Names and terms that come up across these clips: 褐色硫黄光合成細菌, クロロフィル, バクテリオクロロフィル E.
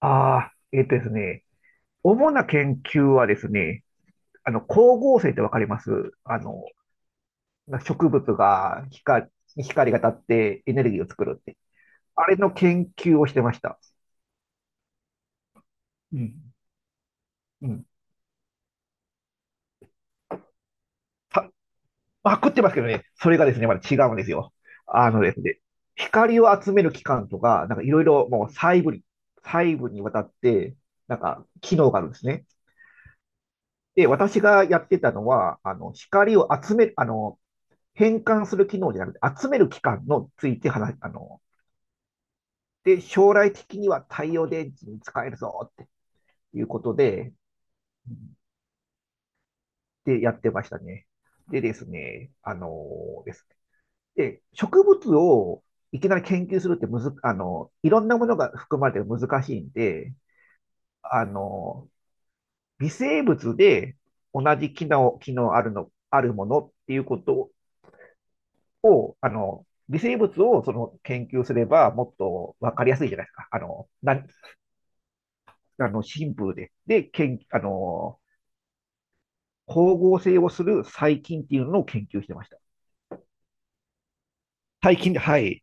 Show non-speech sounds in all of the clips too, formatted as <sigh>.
ああ、えっとですね、主な研究はですね、光合成ってわかります？あの、植物が光が当たってエネルギーを作るって。あれの研究をしてました。うん。うん。まあ、食ってますけどね、それがですね、まだ違うんですよ。あのですね、光を集める器官とか、なんかいろいろもう細部にわたって、なんか機能があるんですね。で、私がやってたのは、光を集める、変換する機能じゃなくて、集める機関のついて話、で、将来的には太陽電池に使えるぞっていうことで、で、やってましたね。でですね、ーですねで、植物をいきなり研究するってむず、あの、いろんなものが含まれて難しいんで、あの、微生物で同じ機能あるの、あるものっていうことを、微生物をその研究すればもっとわかりやすいじゃないですか。あの、なあの、シンプルで。で、研、あの、光合成をする細菌っていうのを研究してました。細菌で、はい。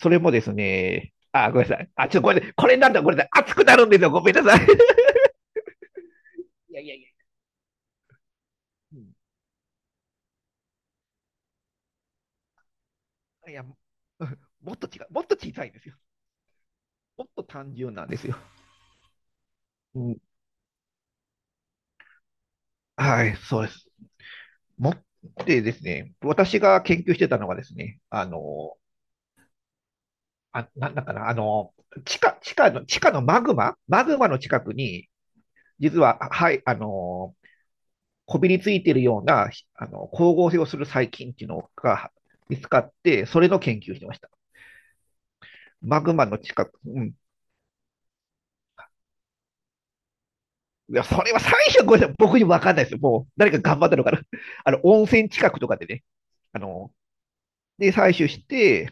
それもですね、あ、ごめんなさい。あ、ちょっとごめんなさい。これなんだ、ごめんなさい。熱くなるんですよ。ごめんなさい。<laughs> いやいやいや。うん、いや、もっと違う。もっと小さいんですよ。もっと単純なんですよ。うん、はい、そうです。もってですね、私が研究してたのはですね、あ、なんだかな、地下のマグマの近くに、実は、はい、こびりついているような、光合成をする細菌っていうのが見つかって、それの研究してました。マグマの近く、うん。いや、それは最初、ごめんなさい、僕にもわかんないですよ。もう、誰か頑張ったのかな。<laughs> 温泉近くとかでね、あの、で、採取して、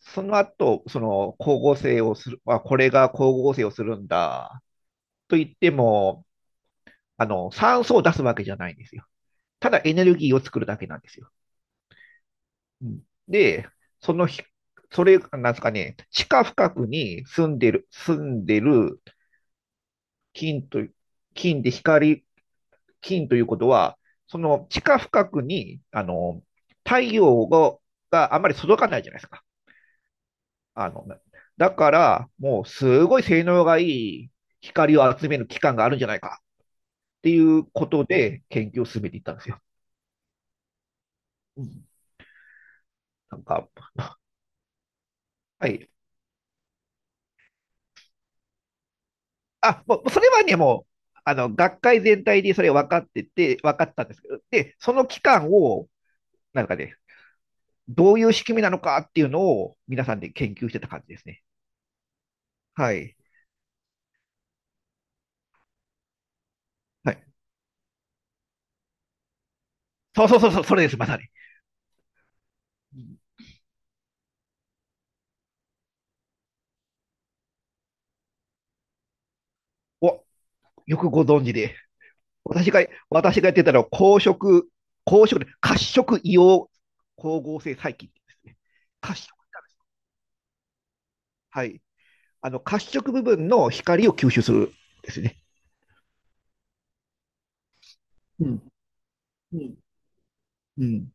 その後、光合成をする、あ、これが光合成をするんだ、と言っても、酸素を出すわけじゃないんですよ。ただエネルギーを作るだけなんですよ。うん、で、そのひ、それ、なんですかね、地下深くに住んでる金と、金で光、金ということは、その地下深くに、太陽があんまり届かないじゃないですか。あの、だから、もうすごい性能がいい光を集める機関があるんじゃないかっていうことで研究を進めていったんですよ。うん、なんか、はい、あ、もう、それはね、もう、学会全体でそれ分かってて、分かったんですけど、で、その期間を、なんかね、どういう仕組みなのかっていうのを、皆さんで研究してた感じですね。はい。はい。そうそうそうそう、それです、まさに。お、よくご存知で。私が、私がやってたのは、公職で、褐色硫黄光合成細菌ですね。褐色。はい。褐色部分の光を吸収するですね。うん。うん。うん。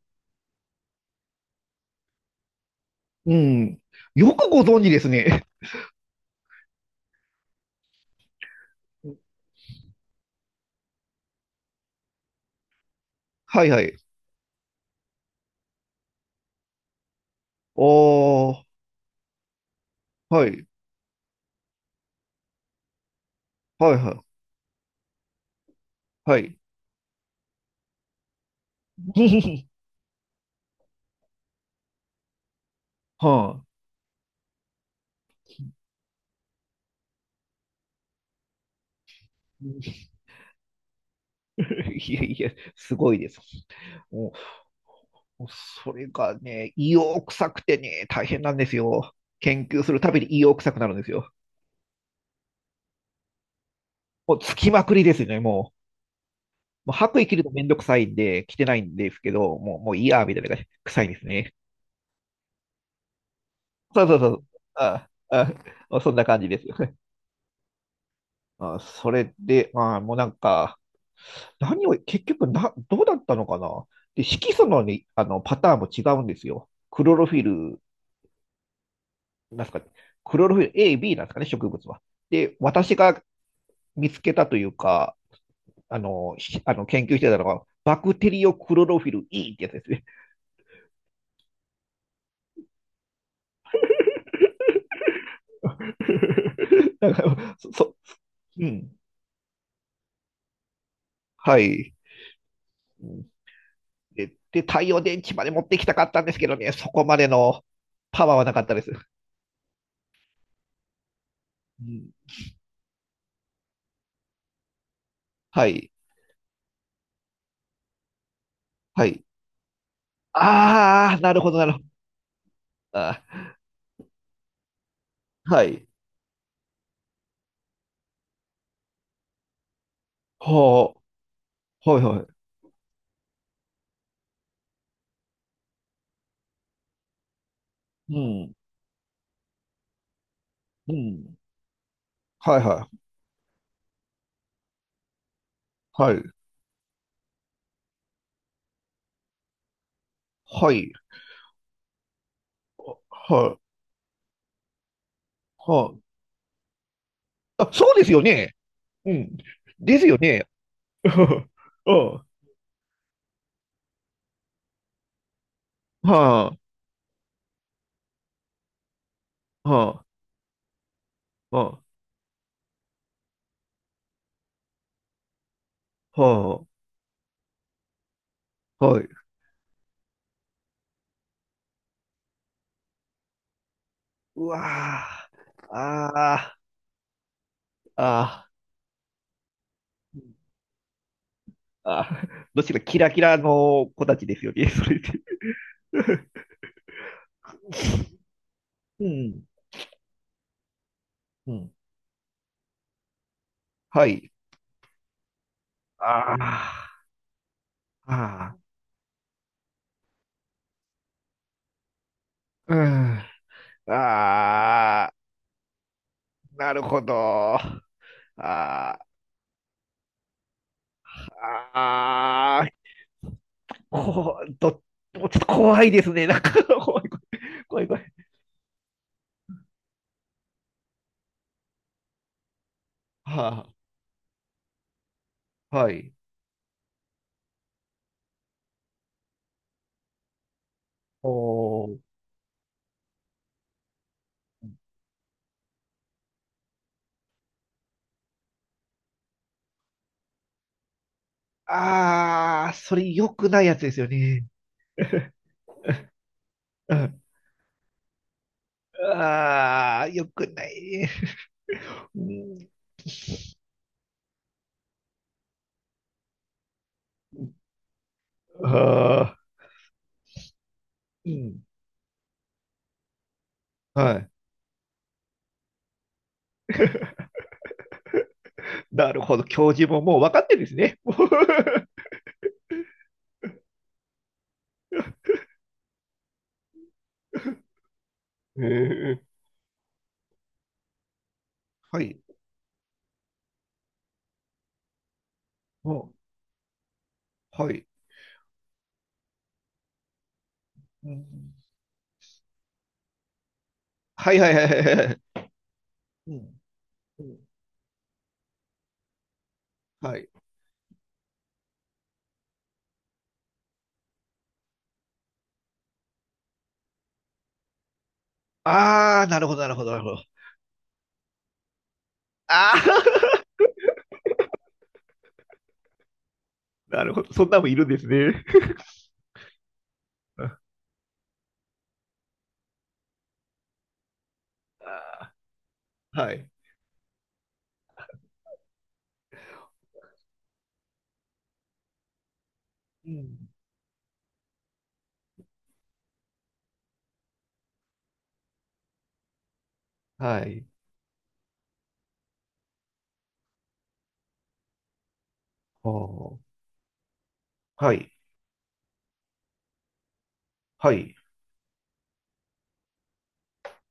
うん。よくご存知ですね。<laughs> はいはい。おー、はい、はいはい、はい。<laughs> はあ。<laughs> いやいや、すごいです。もう、もうそれがね、胃を臭くてね、大変なんですよ。研究するたびに胃を臭くなるんですよ。もう、つきまくりですね、もう。もう白衣着るのめんどくさいんで、着てないんですけど、もう、もういいや、みたいな感じ、臭いですね。そうそうそう。ああ、ああそんな感じです。まあ、それで、まあ、もうなんか、何を、結局な、どうだったのかなで、色素のねパターンも違うんですよ。クロロフィル、なんすか、クロロフィル A、B なんですかね、植物は。で、私が見つけたというか、あの、しあの研究してたのが、バクテリオクロロフィル E ってやつですね。<laughs> だから、うん、はい。うん。で、太陽電池まで持ってきたかったんですけどね、そこまでのパワーはなかったです。うん、はい。はい。ああ、なるほど、なるほど。あー、はい。はあ、はい、はい。うん、うん。はい、はい、はい、はい、はい、はい。あ、そうですよね。うん。ですよね。<laughs> うん。はあ、はあ、はあ、はあ、はい。うわあ、ああ、ああ、ああ、どちらキラキラの子たちですよね、それで。<laughs> うん、うん。はい。ああ、ああ、うん。ああ、なるほど。ああ、ああ、こう、ど、もうちょっと怖いですね。なんか、怖い、怖い、怖い。怖い。はあ、はい。おー。ああ、それ良くないやつですよね。うん。ああ、良くない。うん、ああ、うん。はい。なるほど。教授ももう分かってるんですね。もう。 <laughs> へえ。はい。もう、はい。うん。はい、はい、はい、はい、はい。うん。うん。はい。ああ、なるほど、なるほど、なるほど。ああ、<laughs> なるほど。そんなもんいるんですね。<laughs> はい。うん。はい。はあ。はい。はい。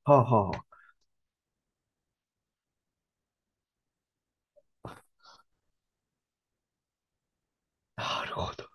はあ、はあ。なるほど。